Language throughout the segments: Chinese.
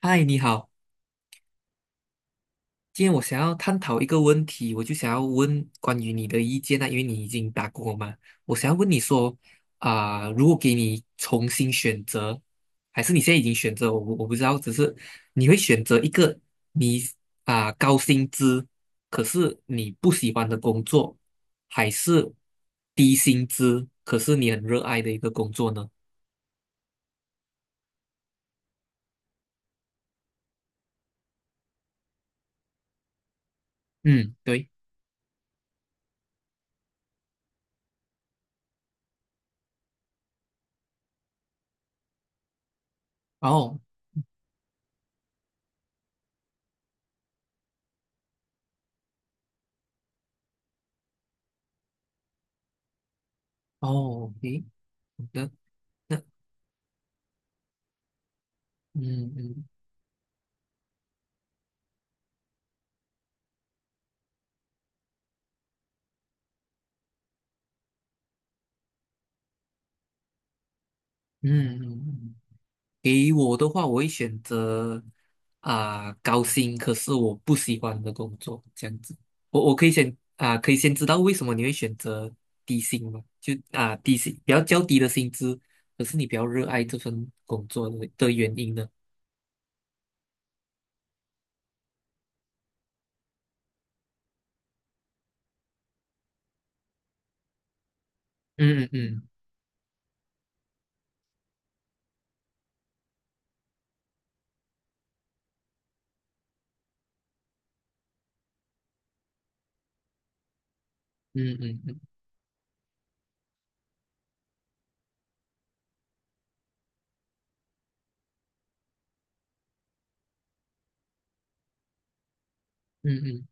嗨，你好，今天我想要探讨一个问题，我就想要问关于你的意见啊，因为你已经打工了嘛，我想要问你说如果给你重新选择，还是你现在已经选择，我不知道，只是你会选择一个你高薪资，可是你不喜欢的工作，还是低薪资，可是你很热爱的一个工作呢？嗯，对。哦哦，诶，好的。那嗯嗯嗯嗯。嗯，给我的话，我会选择高薪，可是我不喜欢的工作，这样子。我可以先知道为什么你会选择低薪吗？就低薪较低的薪资，可是你比较热爱这份工作的原因呢？嗯嗯嗯嗯嗯嗯嗯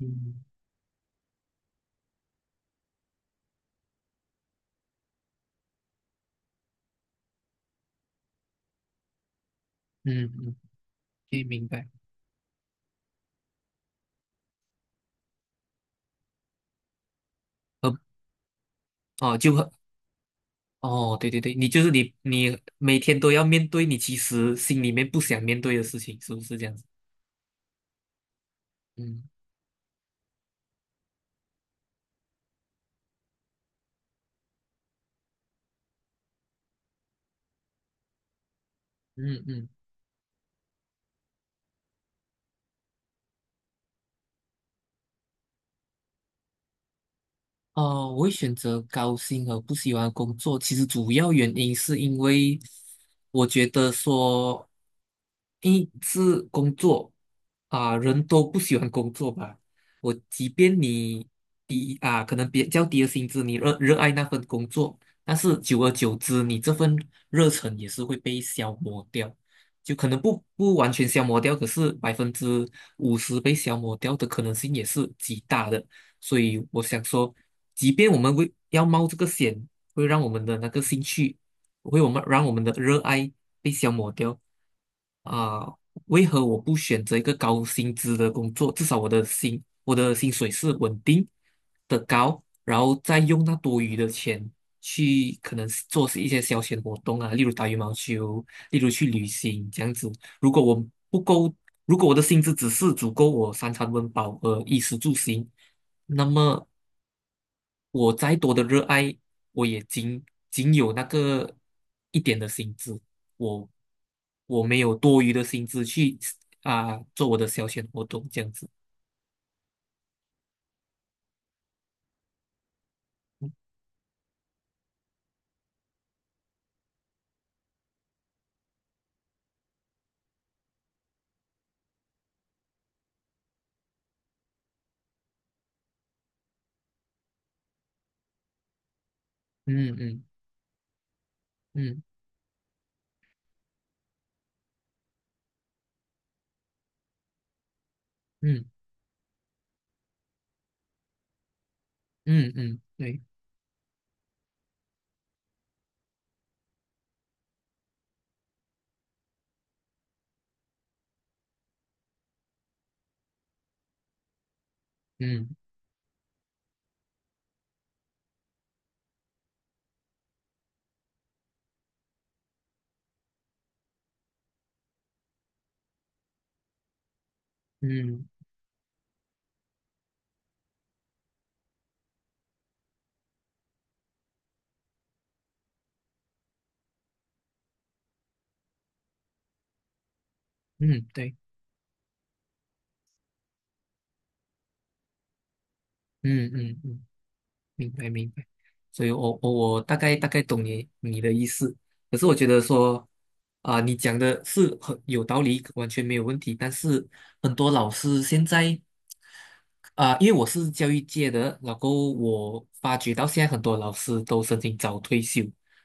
嗯嗯嗯，可以明白。呃哦，就很哦，对对对，你就是你每天都要面对你其实心里面不想面对的事情，是不是这样子？嗯嗯嗯。呃，我会选择高薪和不喜欢的工作。其实主要原因是因为我觉得说，一是工作人都不喜欢工作吧。我即便你低啊，可能比较低的薪资，你热爱那份工作，但是久而久之，你这份热忱也是会被消磨掉。就可能不完全消磨掉，可是50%被消磨掉的可能性也是极大的。所以我想说，即便我们为要冒这个险，会让我们的那个兴趣，会我们让我们的热爱被消磨掉，啊、为何我不选择一个高薪资的工作？至少我的薪水是稳定的高，然后再用那多余的钱去可能做一些消遣活动啊，例如打羽毛球，例如去旅行这样子。如果我不够，如果我的薪资只是足够我三餐温饱和衣食住行，那么我再多的热爱，我也仅仅有那个一点的薪资，我我没有多余的薪资去做我的消遣活动这样子。嗯嗯嗯嗯嗯嗯，对。嗯嗯嗯，对。嗯嗯嗯，明白明白。所以我大概大概懂你的意思，可是我觉得说。啊，你讲的是很有道理，完全没有问题。但是很多老师现在因为我是教育界的，然后我发觉到现在很多老师都申请早退休，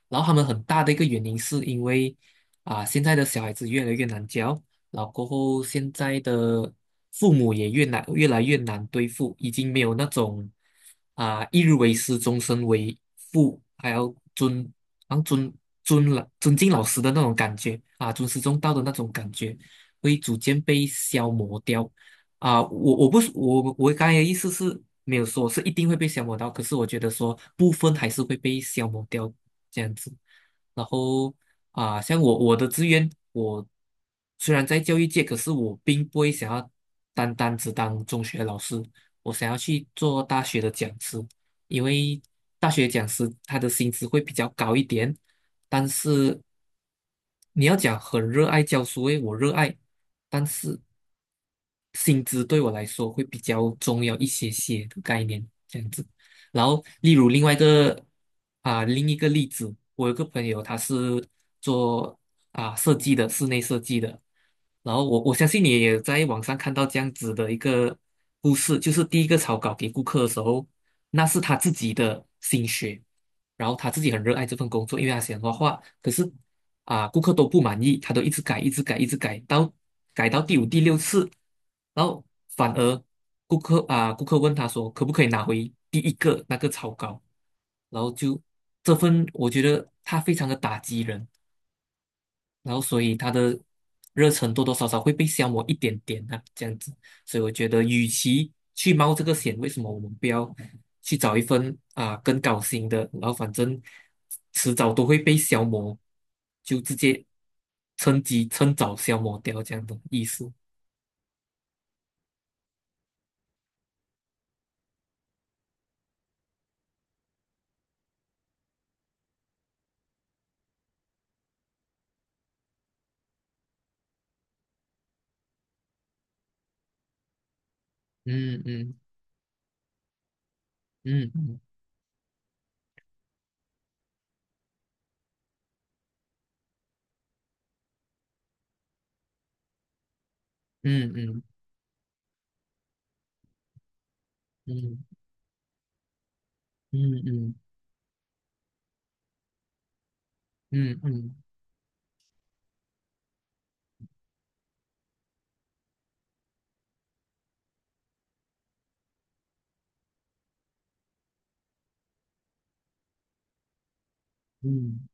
然后他们很大的一个原因是因为现在的小孩子越来越难教，然后过后现在的父母也越来越难对付，已经没有那种一日为师，终身为父，还要尊，啊，尊尊老尊敬老师的那种感觉啊，尊师重道的那种感觉，会逐渐被消磨掉。我不是我刚才的意思是没有说是一定会被消磨到，可是我觉得说部分还是会被消磨掉这样子。然后啊，像我的志愿，我虽然在教育界，可是我并不会想要单单只当中学老师，我想要去做大学的讲师，因为大学讲师他的薪资会比较高一点，但是你要讲很热爱教书，诶，我热爱。但是薪资对我来说会比较重要一些些的概念，这样子。然后，例如另一个例子，我有个朋友他是做设计的，室内设计的。然后我相信你也在网上看到这样子的一个故事，就是第一个草稿给顾客的时候，那是他自己的心血，然后他自己很热爱这份工作，因为他喜欢画画。可是啊，顾客都不满意，他都一直改，一直改，一直改，改到第五、第六次，然后反而顾客问他说，可不可以拿回第一个那个草稿？然后就这份，我觉得他非常的打击人，然后，所以他的热忱多多少少会被消磨一点点啊，这样子。所以我觉得，与其去冒这个险，为什么我们不要去找一份啊更高兴的？然后反正迟早都会被消磨，就直接趁机趁早消磨掉这样的意思。嗯嗯嗯嗯嗯嗯嗯嗯嗯嗯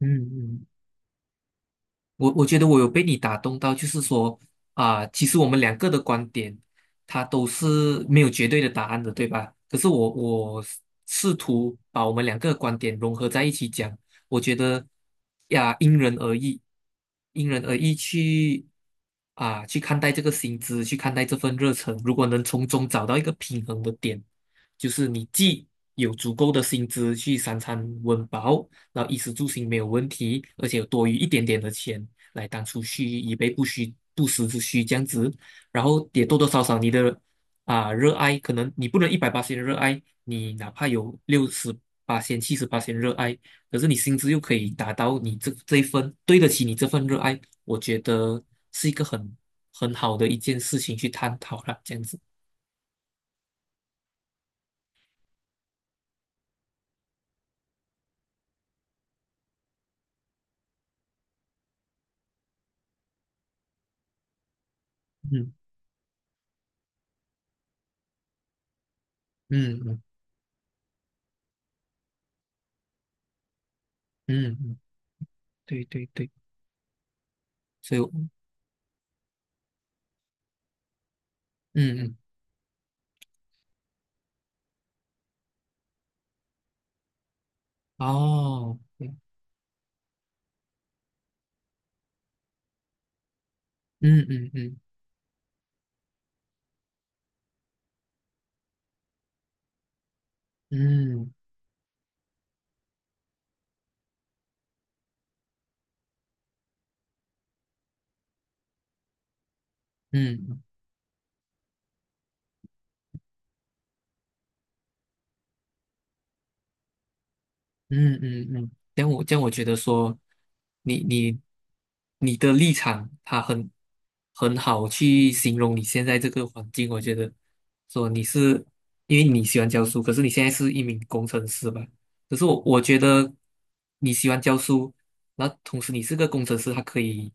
嗯嗯。我觉得我有被你打动到，就是说其实我们两个的观点，它都是没有绝对的答案的，对吧？可是我试图把我们两个的观点融合在一起讲，我觉得呀，因人而异，因人而异去看待这个薪资，去看待这份热忱，如果能从中找到一个平衡的点，就是你既有足够的薪资去三餐温饱。然后衣食住行没有问题，而且有多余一点点的钱，来当储蓄，以备不时之需这样子。然后也多多少少你的热爱，可能你不能180热爱，你哪怕有68,000、78,000热爱，可是你薪资又可以达到你这一份对得起你这份热爱，我觉得是一个很好的一件事情去探讨了，这样子。嗯嗯嗯嗯嗯，对对对，所以我嗯嗯哦，对嗯嗯嗯嗯嗯。嗯嗯嗯嗯，这样我觉得说，你你你的立场，他很好去形容你现在这个环境。我觉得说你是因为你喜欢教书，可是你现在是一名工程师吧？可是我觉得你喜欢教书，那同时你是个工程师，他可以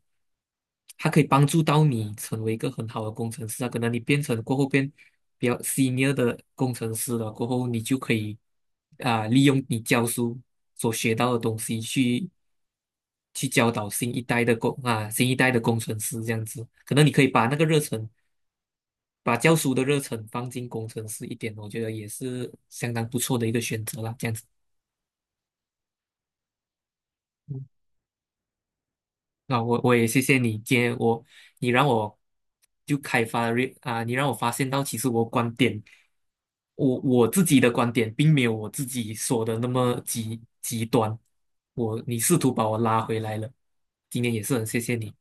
他可以帮助到你成为一个很好的工程师啊。可能你过后变比较 senior 的工程师了，过后你就可以利用你教书所学到的东西去教导新一代的工程师这样子。可能你可以把那个热忱，把教书的热忱放进工程师一点，我觉得也是相当不错的一个选择啦。这样子，那我也谢谢你，今天你让我就开发了啊，你让我发现到其实我观点，我自己的观点并没有我自己说的那么极端，你试图把我拉回来了，今天也是很谢谢你，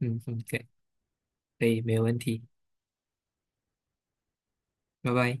嗯嗯，对，可以，没有问题，拜拜。